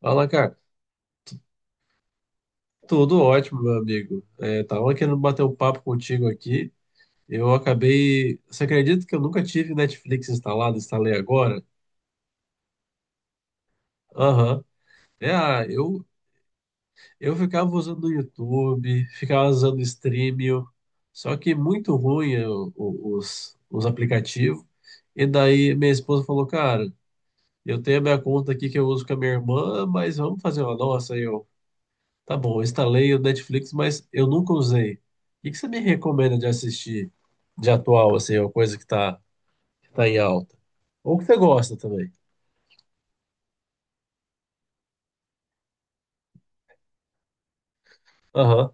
Fala, cara. Tudo ótimo, meu amigo. Tava querendo bater um papo contigo aqui. Eu acabei. Você acredita que eu nunca tive Netflix instalado? Instalei agora? Aham. É, ah, eu, eu ficava usando o YouTube, ficava usando o Streamio, só que muito ruim os aplicativos. E daí minha esposa falou, cara, eu tenho a minha conta aqui que eu uso com a minha irmã, mas vamos fazer uma nossa aí. Tá bom, eu instalei o Netflix, mas eu nunca usei. O que que você me recomenda de assistir de atual, assim, uma coisa que tá em alta? Ou que você gosta também. Aham.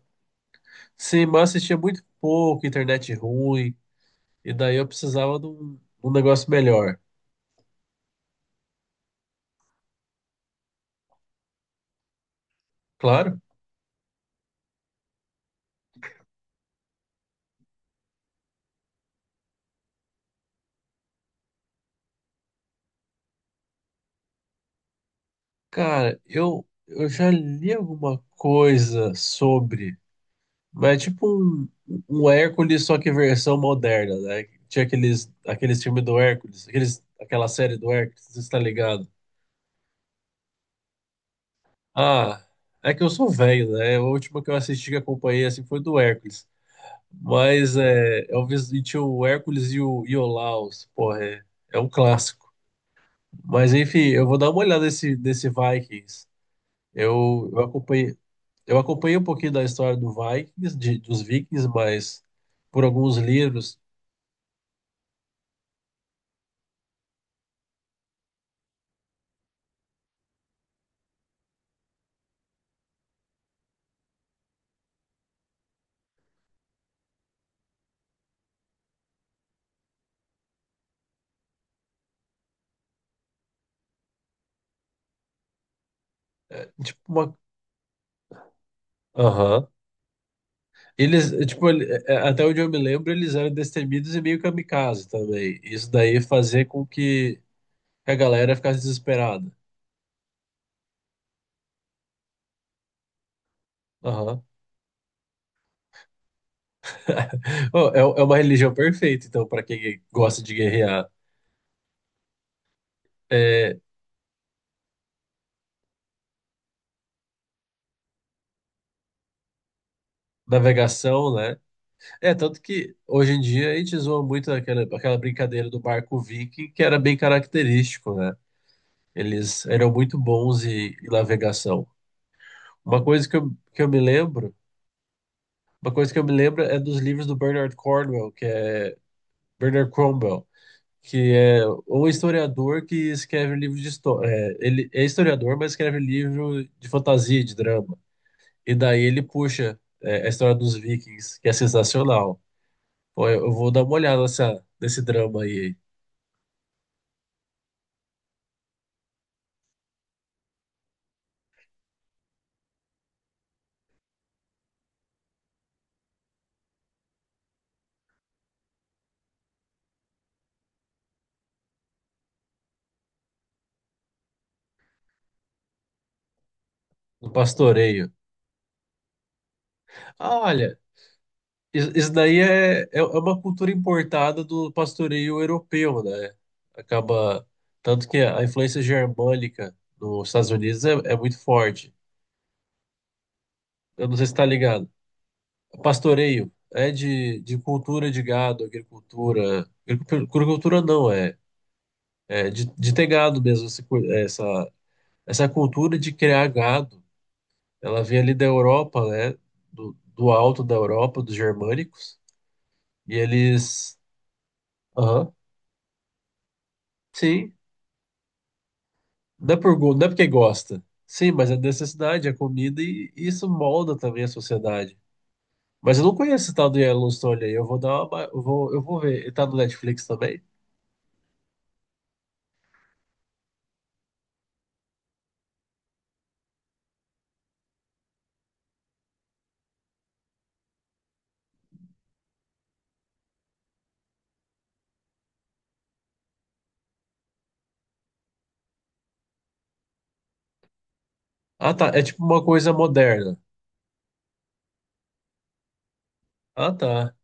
Sim, mas eu assistia muito pouco, internet ruim, e daí eu precisava de um negócio melhor. Claro. Cara, eu já li alguma coisa sobre, mas é tipo um Hércules, só que versão moderna, né? Tinha aqueles, aqueles filmes do Hércules, aqueles, aquela série do Hércules, você está ligado? Ah, é que eu sou velho, né? A última que eu assisti que acompanhei assim foi do Hércules. Mas é, eu visitei o Hércules e o Porra, é, é um clássico. Mas enfim, eu vou dar uma olhada nesse Vikings. Eu, eu acompanhei, eu acompanhei um pouquinho da história do Vikings, dos Vikings, mas por alguns livros, é, tipo uma. Aham. Eles, é, tipo, ele- é, é, até onde eu me lembro, eles eram destemidos e meio kamikaze também. Isso daí fazia com que a galera ficasse desesperada. Aham. Ô, é, é uma religião perfeita, então, para quem gosta de guerrear. É, navegação, né? É, tanto que hoje em dia a gente zoa muito aquela, aquela brincadeira do barco viking, que era bem característico, né? Eles eram muito bons em, em navegação. Uma coisa que eu me lembro, uma coisa que eu me lembro é dos livros do Bernard Cornwell, que é Bernard Cromwell, que é o historiador que escreve livro de história. Ele é historiador, mas escreve livro de fantasia, de drama. E daí ele puxa a história dos Vikings, que é sensacional. Pô, eu vou dar uma olhada nesse drama aí, no pastoreio. Ah, olha, isso daí é uma cultura importada do pastoreio europeu, né? Acaba. Tanto que a influência germânica nos Estados Unidos é muito forte. Eu não sei se tá ligado. Pastoreio é de cultura de gado, agricultura. Agricultura não, é, é de ter gado mesmo. Essa, essa cultura de criar gado, ela vem ali da Europa, né? Do, do alto da Europa, dos germânicos. E eles. Aham, sim. Não é porque gosta. Sim, mas é necessidade, é comida e isso molda também a sociedade. Mas eu não conheço esse tal do Yellowstone aí. Eu vou dar uma. Eu vou ver. Ele tá no Netflix também? Ah, tá. É tipo uma coisa moderna. Ah, tá.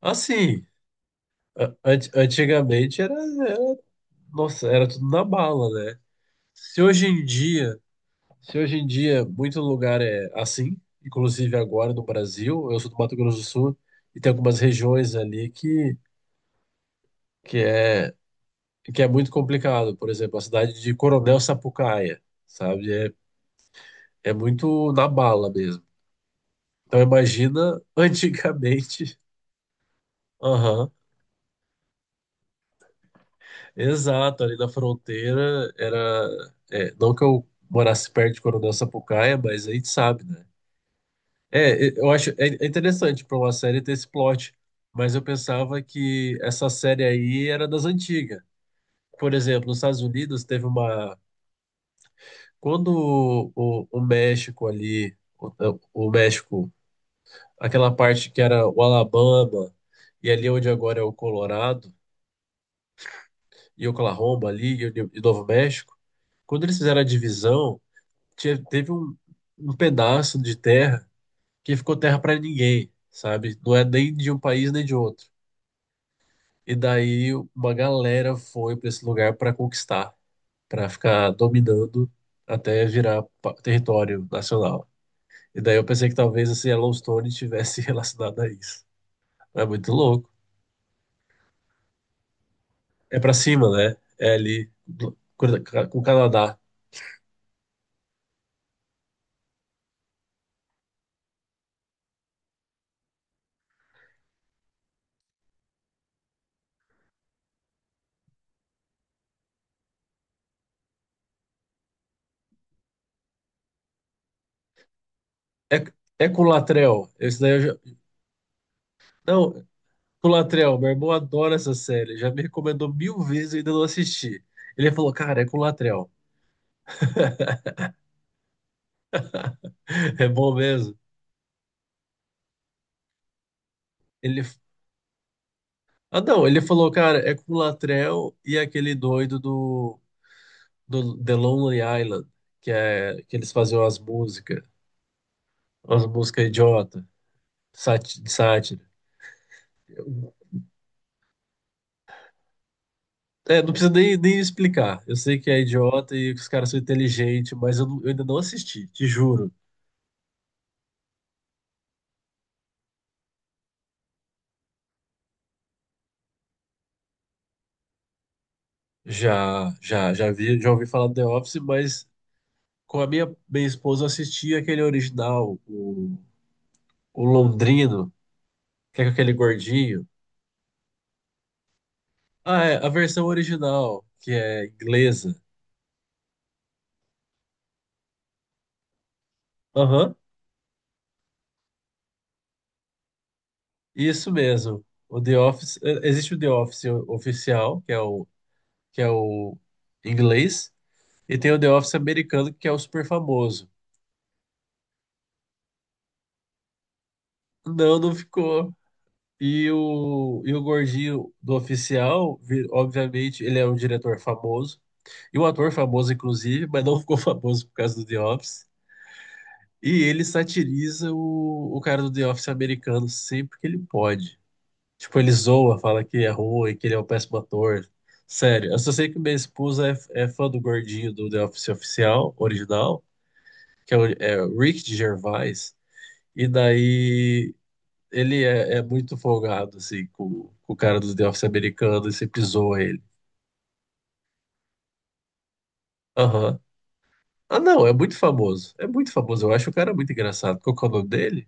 Assim, a- ant- antigamente era, era- nossa, era tudo na bala, né? Se hoje em dia, se hoje em dia muito lugar é assim, inclusive agora no Brasil, eu sou do Mato Grosso do Sul e tem algumas regiões ali que é que é muito complicado. Por exemplo, a cidade de Coronel Sapucaia, sabe? É, é muito na bala mesmo. Então imagina antigamente. Aham. Exato, ali na fronteira era. É, não que eu morasse perto de Coronel Sapucaia, mas a gente sabe, né? Eu acho é interessante para uma série ter esse plot, mas eu pensava que essa série aí era das antigas. Por exemplo, nos Estados Unidos teve uma. Quando o México ali, o México, aquela parte que era o Alabama, e ali onde agora é o Colorado, Oklahoma ali, e Novo México, quando eles fizeram a divisão. Teve um, um pedaço de terra que ficou terra para ninguém, sabe? Não é nem de um país nem de outro. E daí uma galera foi para esse lugar para conquistar, para ficar dominando até virar território nacional. E daí eu pensei que talvez esse Yellowstone estivesse relacionado a isso. É muito louco. É para cima, né? É ali com o Canadá. É, é com o Latrell. Esse daí eu já... Não, Colateral, meu irmão adora essa série, já me recomendou mil vezes e ainda não assisti. Ele falou, cara, é com Colateral, é bom mesmo. Ele, ah não, ele falou, cara, é com Colateral e aquele doido do The Lonely Island, que é que eles faziam as músicas idiota, de sátira. É, não precisa nem, nem explicar. Eu sei que é idiota e que os caras são inteligentes, mas eu ainda não assisti, te juro. Já, já, já vi, já ouvi falar do The Office, mas com a minha esposa assistir aquele original, o Londrino, que é com aquele gordinho. Ah, é, a versão original, que é inglesa. Aham, isso mesmo. O The Office, eh, existe o The Office oficial, que é o inglês, e tem o The Office americano, que é o super famoso. Não, não ficou. E o gordinho do oficial, obviamente, ele é um diretor famoso, e um ator famoso, inclusive, mas não ficou famoso por causa do The Office. E ele satiriza o cara do The Office americano sempre que ele pode. Tipo, ele zoa, fala que é ruim, que ele é um péssimo ator. Sério, eu só sei que minha esposa é fã do gordinho do The Office oficial, original, que é o é o Rick Gervais. E daí ele é muito folgado, assim, com o cara do The Office americano e sempre zoa ele. Aham. Ah, não, é muito famoso. É muito famoso. Eu acho o cara muito engraçado. Qual que é o nome dele?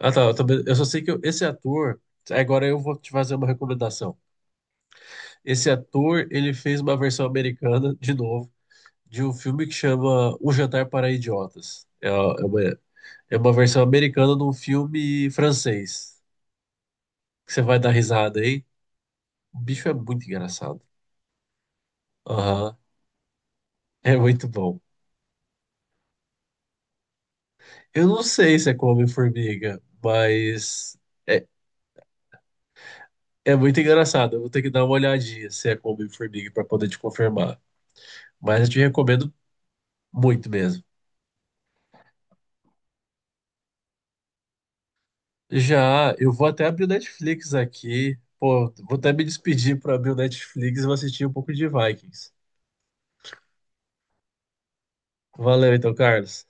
Ah, tá. Eu, também- eu só sei que eu- esse ator. Agora eu vou te fazer uma recomendação. Esse ator, ele fez uma versão americana, de novo, de um filme que chama Um Jantar para Idiotas. Uma, é uma versão americana de um filme francês. Que você vai dar risada aí. O bicho é muito engraçado. Aham. É muito bom. Eu não sei se é com Homem-Formiga, mas é, é muito engraçado. Eu vou ter que dar uma olhadinha se é com Homem-Formiga para poder te confirmar. Mas eu te recomendo muito mesmo. Já, eu vou até abrir o Netflix aqui. Pô, vou até me despedir para abrir o Netflix e vou assistir um pouco de Vikings. Valeu então, Carlos.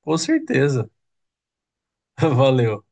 Com certeza. Valeu.